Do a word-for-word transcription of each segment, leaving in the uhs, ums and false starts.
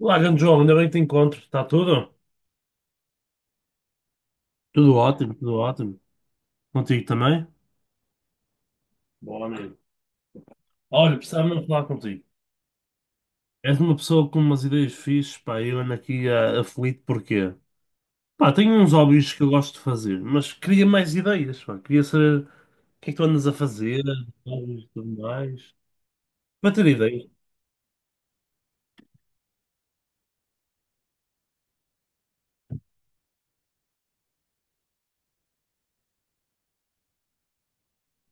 Olá, grande João, ainda bem que te encontro. Está tudo? Tudo ótimo, tudo ótimo. Contigo também? Bom, amigo. Olha, precisava mesmo falar contigo. És uma pessoa com umas ideias fixes, pá, eu ando aqui ah, aflito porquê? Pá, tenho uns hobbies que eu gosto de fazer, mas queria mais ideias, pá. Queria saber o que é que tu andas a fazer, hobbies e tudo mais. Para ter ideias.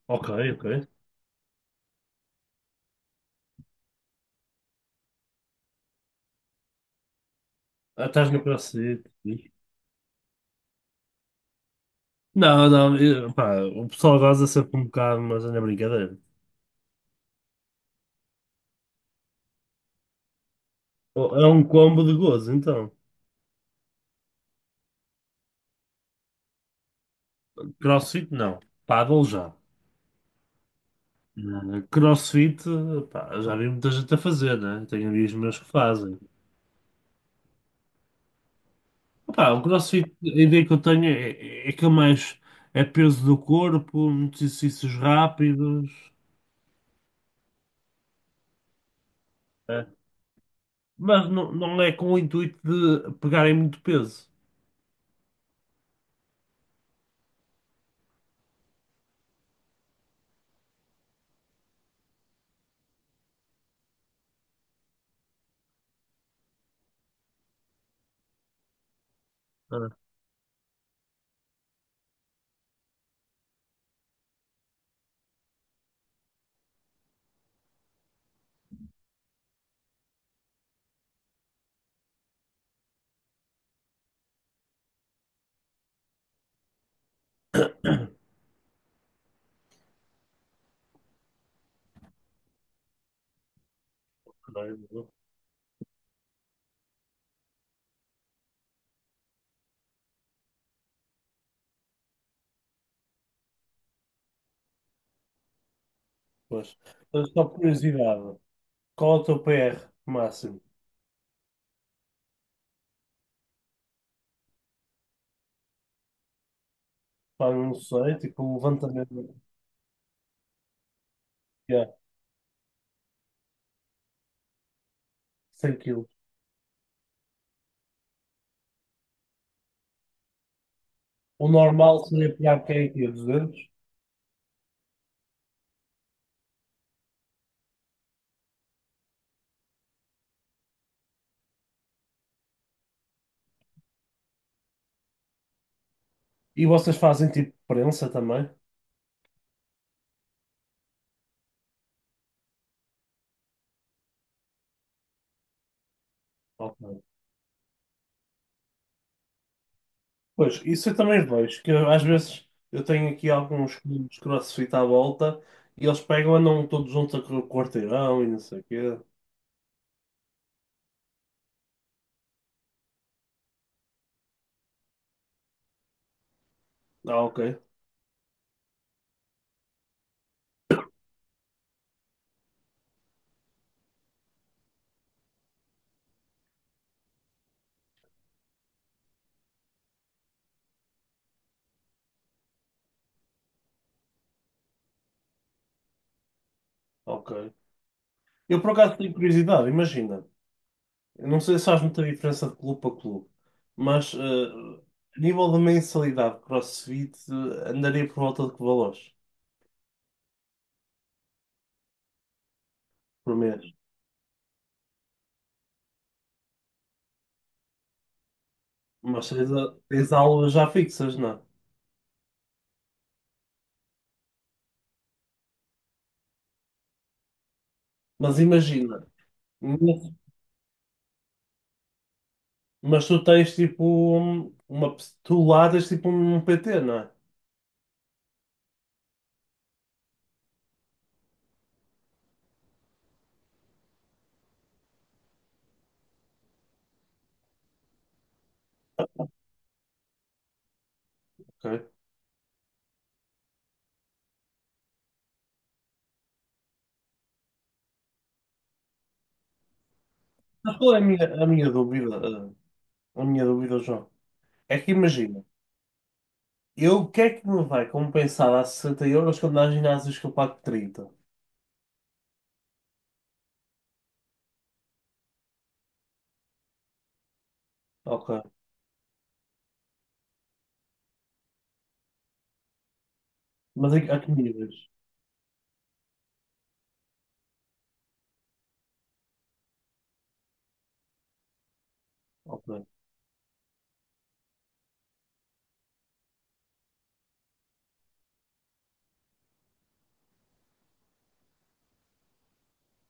Ok, ok. Ah, estás no CrossFit. Fixe. Não, não, eu- pá, o pessoal goza sempre um bocado, mas é na brincadeira. É um combo de gozo, então. CrossFit não. Paddle já. Eh, CrossFit, pá, já vi muita gente a fazer, né? Tenho amigos meus que fazem. Pá, o CrossFit, a ideia que eu tenho é, é que é mais é peso do corpo, muitos exercícios rápidos, eh, mas não, não é com o intuito de pegarem muito peso. Ah, não, pois. Mas só por curiosidade, qual é o teu P R máximo? Pá, não sei, tipo um levantamento de cem quilos. O normal seria pegar quem aqui, duzentos? E vocês fazem tipo prensa também? Ok. Pois, isso eu também vejo, que eu, às vezes eu tenho aqui alguns clubes CrossFit à volta e eles pegam, andam todos juntos a correr o quarteirão e não sei o quê. Ah, ok, ok. Eu por acaso tenho curiosidade, imagina. Eu não sei se faz muita diferença de clube para clube, mas eh, a nível de mensalidade de CrossFit eh, andaria por volta de que valores por mês? Mas tens, a- tens aulas já fixas, não? É? Mas imagina. Mas tu tens tipo um- uma. pe- Tu ladas tipo um P T, não é? Ok. Mas qual é a minha, a minha dúvida? eh, A minha dúvida, João? É que imagina, eu o que é que me vai compensar a sessenta euros quando há ginásios que eu pago trinta? Ok. Mas a, a que níveis? Ok.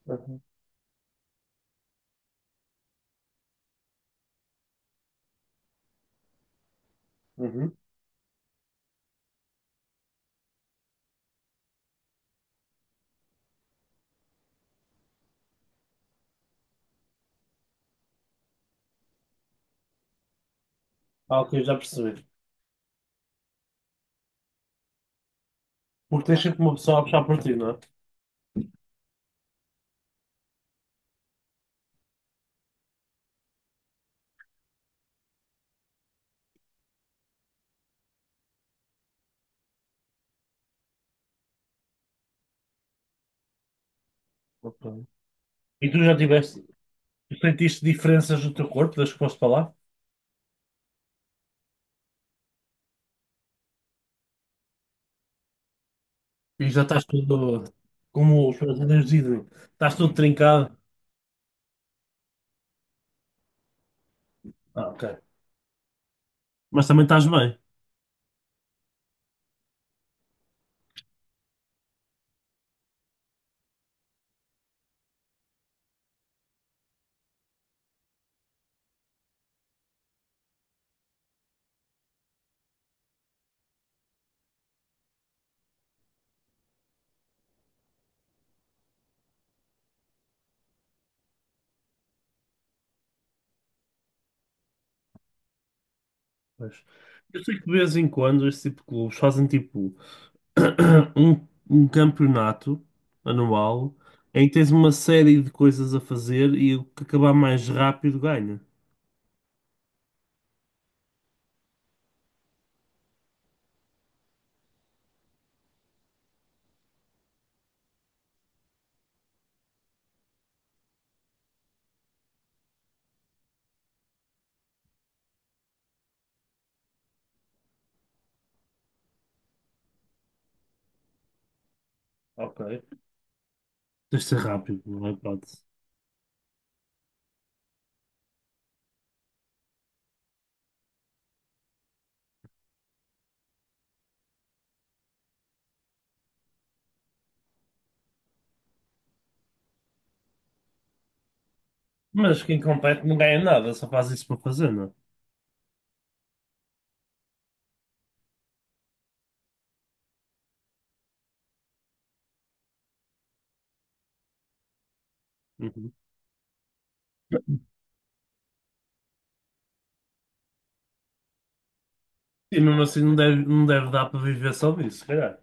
Uhum. Uhum. Ah, ok, já percebi. Porque tens sempre uma pessoa a puxar por ti, não é? Ok. E tu já tiveste, tu sentiste diferenças no teu corpo das que foste para lá? E já estás todo, como os brasileiros dizem, estás todo trincado. Ah, ok. Mas também estás bem. Pois. Eu sei que de vez em quando esse tipo de clubes fazem tipo um, um campeonato anual em que tens uma série de coisas a fazer e o que acabar mais rápido ganha. Ok. Tens de ser rápido, não é hipótese. Mas quem compete não ganha nada, só faz isso para fazer, não é? Uhum. E mesmo assim não deve, não deve dar para viver só disso, se calhar.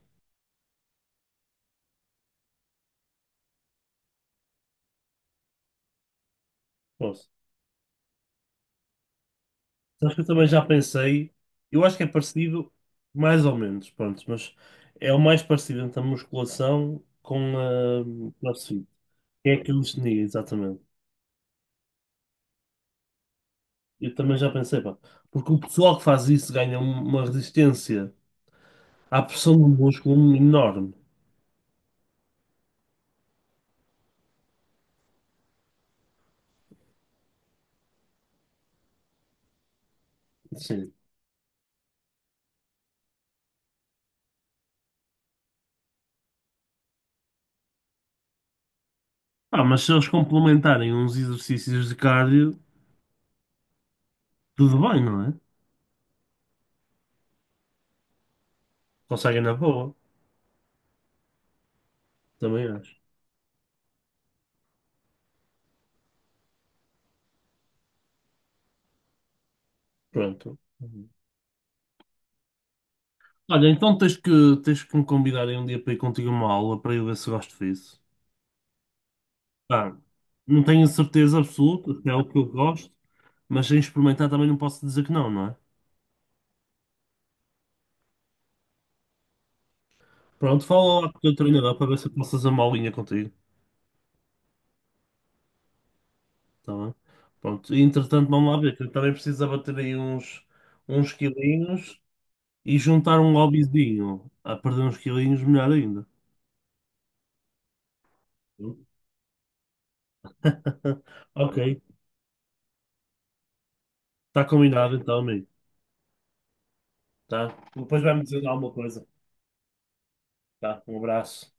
Posso. Acho que eu também já pensei, eu acho que é parecido, mais ou menos, pronto, mas é o mais parecido entre a musculação com a CrossFit. Que é que eu definia, exatamente. Eu também já pensei, pá. Porque o pessoal que faz isso ganha um- uma resistência à pressão do músculo enorme. Sim. Ah, mas se eles complementarem uns exercícios de cardio, tudo bem, não é? Conseguem na boa, também acho. Pronto. Uhum. Olha, então tens que, tens que me convidar aí um dia para ir contigo a uma aula para eu ver se gosto disso. Pá, não tenho certeza absoluta se é o que eu gosto, mas sem experimentar também não posso dizer que não, não é? Pronto, fala lá com o teu treinador para ver se eu posso fazer uma aulinha contigo. Tá bem? Pronto, e, entretanto, vamos lá ver, que eu também preciso abater aí uns, uns quilinhos e juntar um hobbyzinho. A perder uns quilinhos, melhor ainda. Ok, está combinado então, amigo. Tá? Depois vai-me dizer alguma coisa. Tá, um abraço.